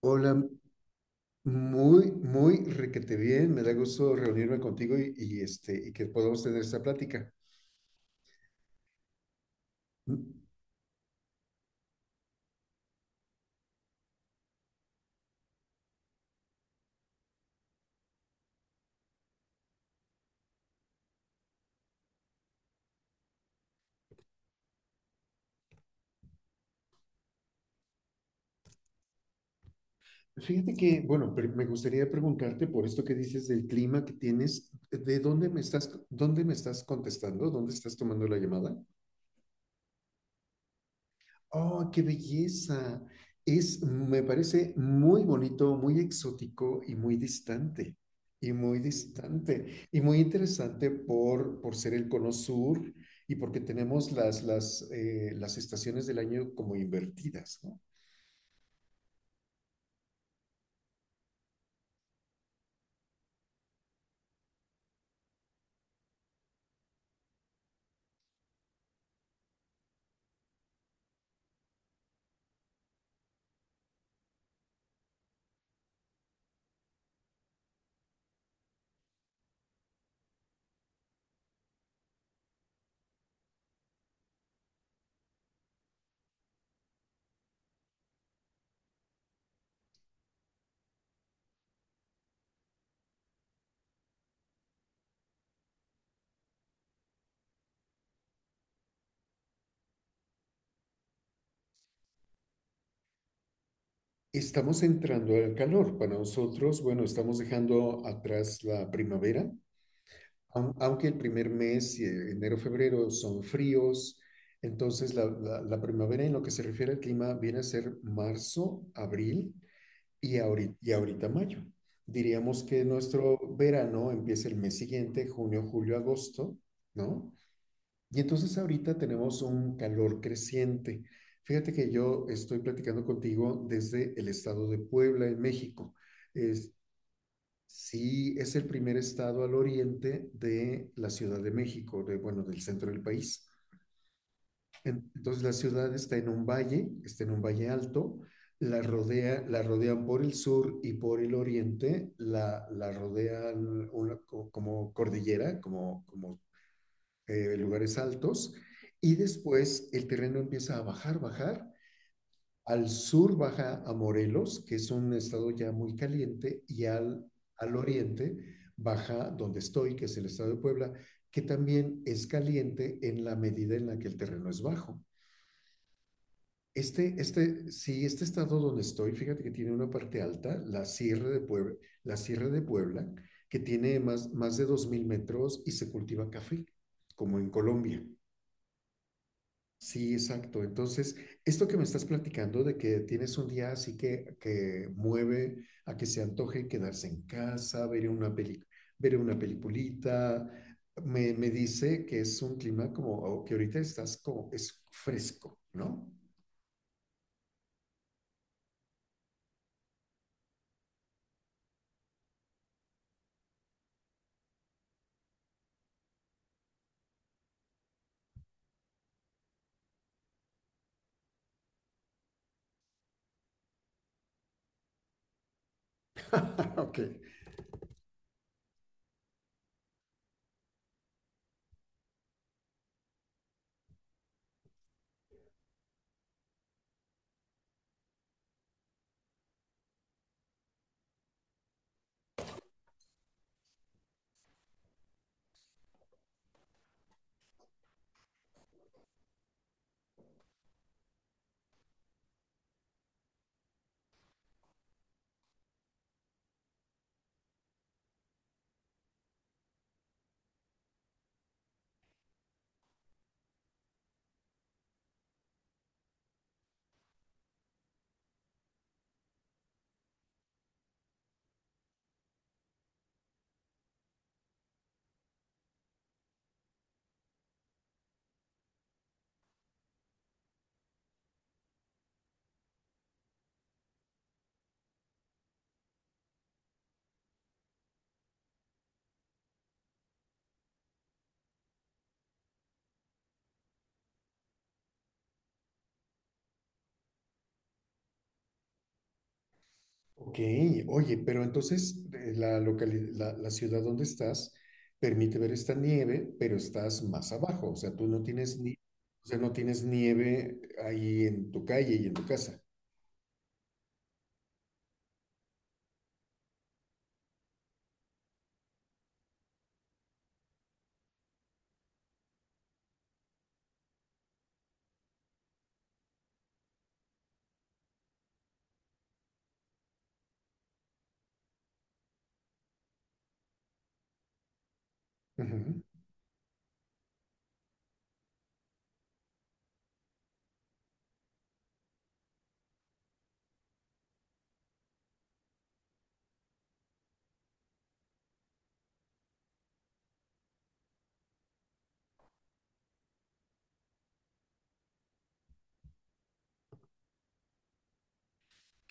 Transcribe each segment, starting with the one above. Hola, muy, muy requete bien. Me da gusto reunirme contigo y que podamos tener esta plática. Mm, Fíjate que, bueno, me gustaría preguntarte por esto que dices del clima que tienes. ¿De dónde me estás contestando? ¿Dónde estás tomando la llamada? Oh, qué belleza. Me parece muy bonito, muy exótico y muy distante. Y muy distante. Y muy interesante por ser el cono sur y porque tenemos las estaciones del año como invertidas, ¿no? Estamos entrando al calor. Para nosotros, bueno, estamos dejando atrás la primavera. Aunque el primer mes, enero, febrero, son fríos, entonces la primavera en lo que se refiere al clima viene a ser marzo, abril y ahorita mayo. Diríamos que nuestro verano empieza el mes siguiente, junio, julio, agosto, ¿no? Y entonces ahorita tenemos un calor creciente. Fíjate que yo estoy platicando contigo desde el estado de Puebla, en México. Es- Sí, es el primer estado al oriente de la Ciudad de México, de, bueno, del centro del país. Entonces la ciudad está en un valle, está en un valle alto. La rodean por el sur y por el oriente, la rodean una como cordillera, como lugares altos, y después el terreno empieza a bajar, bajar, al sur baja a Morelos, que es un estado ya muy caliente, y al oriente baja donde estoy, que es el estado de Puebla, que también es caliente en la medida en la que el terreno es bajo. Sí, este estado donde estoy, fíjate que tiene una parte alta, la Sierra de Puebla, que tiene más de 2000 metros y se cultiva café, como en Colombia. Sí, exacto. Entonces, esto que me estás platicando de que tienes un día así que mueve a que se antoje quedarse en casa, ver una peli, ver una peliculita, me dice que es un clima como o que ahorita estás como, es fresco, ¿no? Ok. Ok, oye, pero entonces la ciudad donde estás permite ver esta nieve, pero estás más abajo, o sea, tú no tienes ni, o sea, no tienes nieve ahí en tu calle y en tu casa.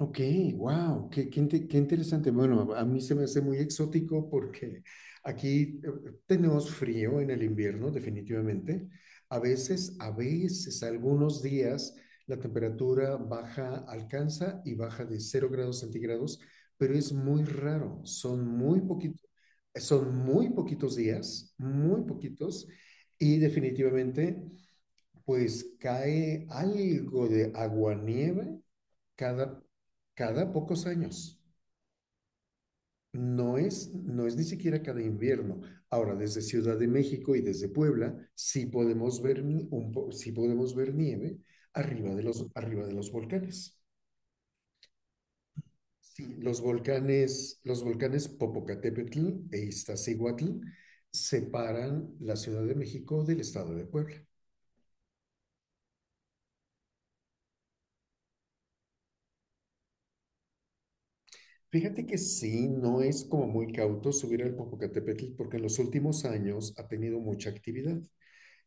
Ok, wow, qué interesante. Bueno, a mí se me hace muy exótico porque aquí tenemos frío en el invierno, definitivamente. A veces, algunos días la temperatura baja, alcanza y baja de cero grados centígrados, pero es muy raro. Son muy poquitos días, muy poquitos, y definitivamente, pues cae algo de aguanieve cada, cada pocos años. No es ni siquiera cada invierno. Ahora, desde Ciudad de México y desde Puebla, sí podemos ver, ni- un sí podemos ver nieve arriba de los volcanes. Sí, los volcanes Popocatépetl e Iztaccíhuatl separan la Ciudad de México del estado de Puebla. Fíjate que sí, no es como muy cauto subir al Popocatépetl porque en los últimos años ha tenido mucha actividad.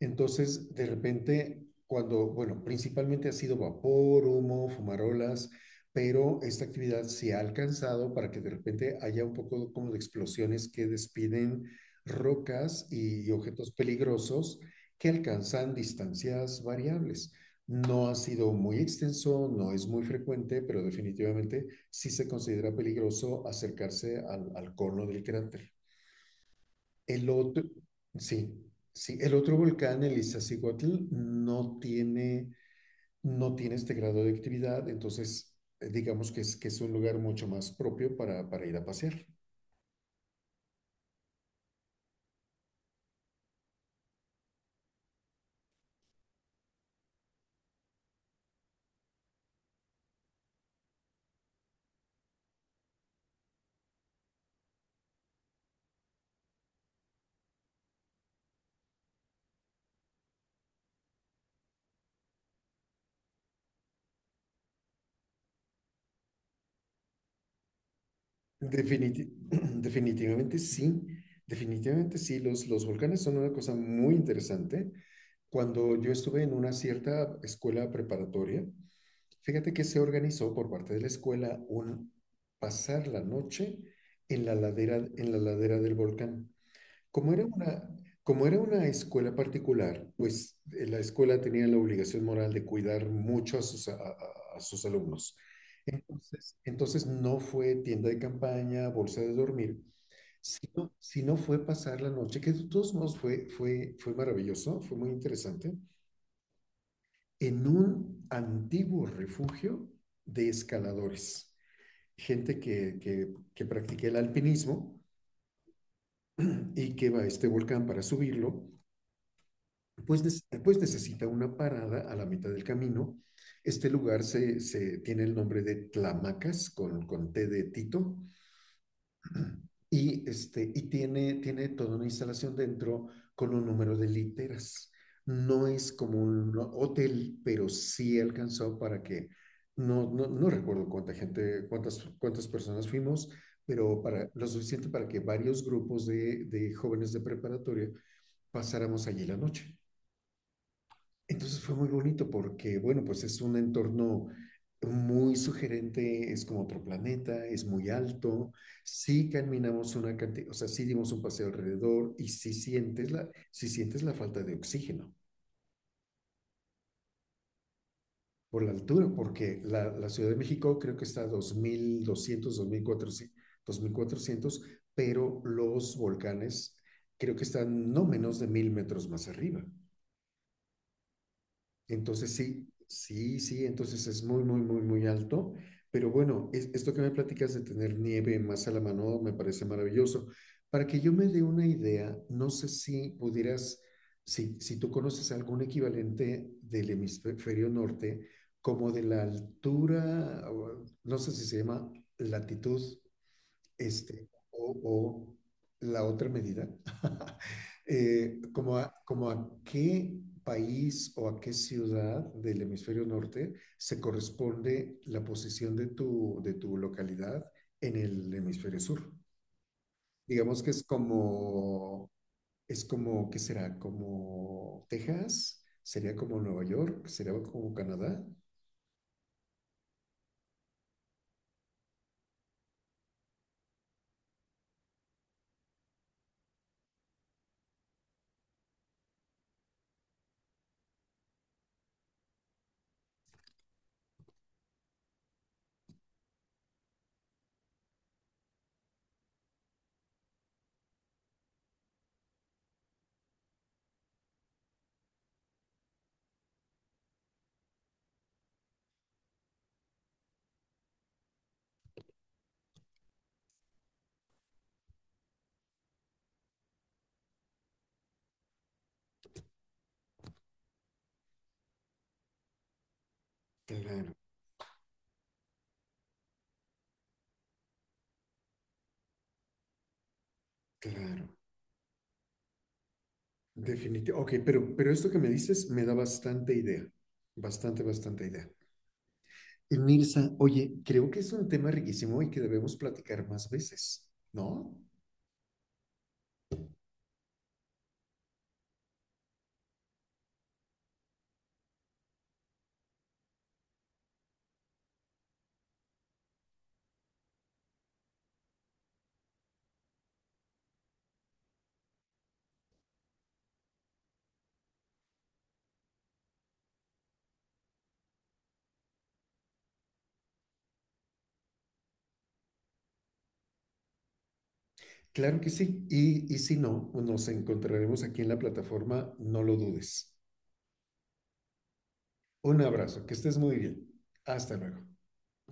Entonces, de repente, cuando, bueno, principalmente ha sido vapor, humo, fumarolas, pero esta actividad se ha alcanzado para que de repente haya un poco como de explosiones que despiden rocas y objetos peligrosos que alcanzan distancias variables. No ha sido muy extenso, no es muy frecuente, pero definitivamente sí se considera peligroso acercarse al, al cono del cráter. El otro, sí, sí, el otro volcán, el Iztaccíhuatl, no tiene este grado de actividad, entonces digamos que es, un lugar mucho más propio para ir a pasear. Definiti- definitivamente sí, definitivamente sí, los volcanes son una cosa muy interesante. Cuando yo estuve en una cierta escuela preparatoria, fíjate que se organizó por parte de la escuela un pasar la noche en la ladera del volcán. Como era una, como era una escuela particular, pues la escuela tenía la obligación moral de cuidar mucho a sus alumnos. Entonces no fue tienda de campaña, bolsa de dormir, sino fue pasar la noche, que de todos modos fue maravilloso, fue muy interesante, en un antiguo refugio de escaladores, gente que practica el alpinismo y que va a este volcán para subirlo, pues necesita una parada a la mitad del camino. Este lugar se tiene el nombre de Tlamacas, con T de Tito, y tiene toda una instalación dentro con un número de literas. No es como un hotel, pero sí alcanzó para que, no recuerdo cuánta gente, cuántas personas fuimos, pero para, lo suficiente para que varios grupos de jóvenes de preparatoria pasáramos allí la noche. Entonces fue muy bonito porque, bueno, pues es un entorno muy sugerente, es como otro planeta, es muy alto, sí caminamos una cantidad, o sea, sí dimos un paseo alrededor y sí sientes la falta de oxígeno por la altura, porque la Ciudad de México creo que está a 2200, dos mil cuatrocientos, pero los volcanes creo que están no menos de 1000 metros más arriba. Entonces sí, sí, sí, entonces es muy, muy, muy, muy alto. Pero bueno, esto que me platicas de tener nieve más a la mano me parece maravilloso. Para que yo me dé una idea, no sé si pudieras, si tú conoces algún equivalente del hemisferio norte, como de la altura, o, no sé si se llama latitud o la otra medida, como a qué país o a qué ciudad del hemisferio norte se corresponde la posición de tu localidad en el hemisferio sur. Digamos que es como, ¿qué será? Como Texas, sería como Nueva York, sería como Canadá. Claro, claro. Definitivo. Ok, pero esto que me dices me da bastante idea, bastante, bastante idea. Y Mirza, oye, creo que es un tema riquísimo y que debemos platicar más veces, ¿no? Claro que sí. Y si no, nos encontraremos aquí en la plataforma, no lo dudes. Un abrazo, que estés muy bien. Hasta luego.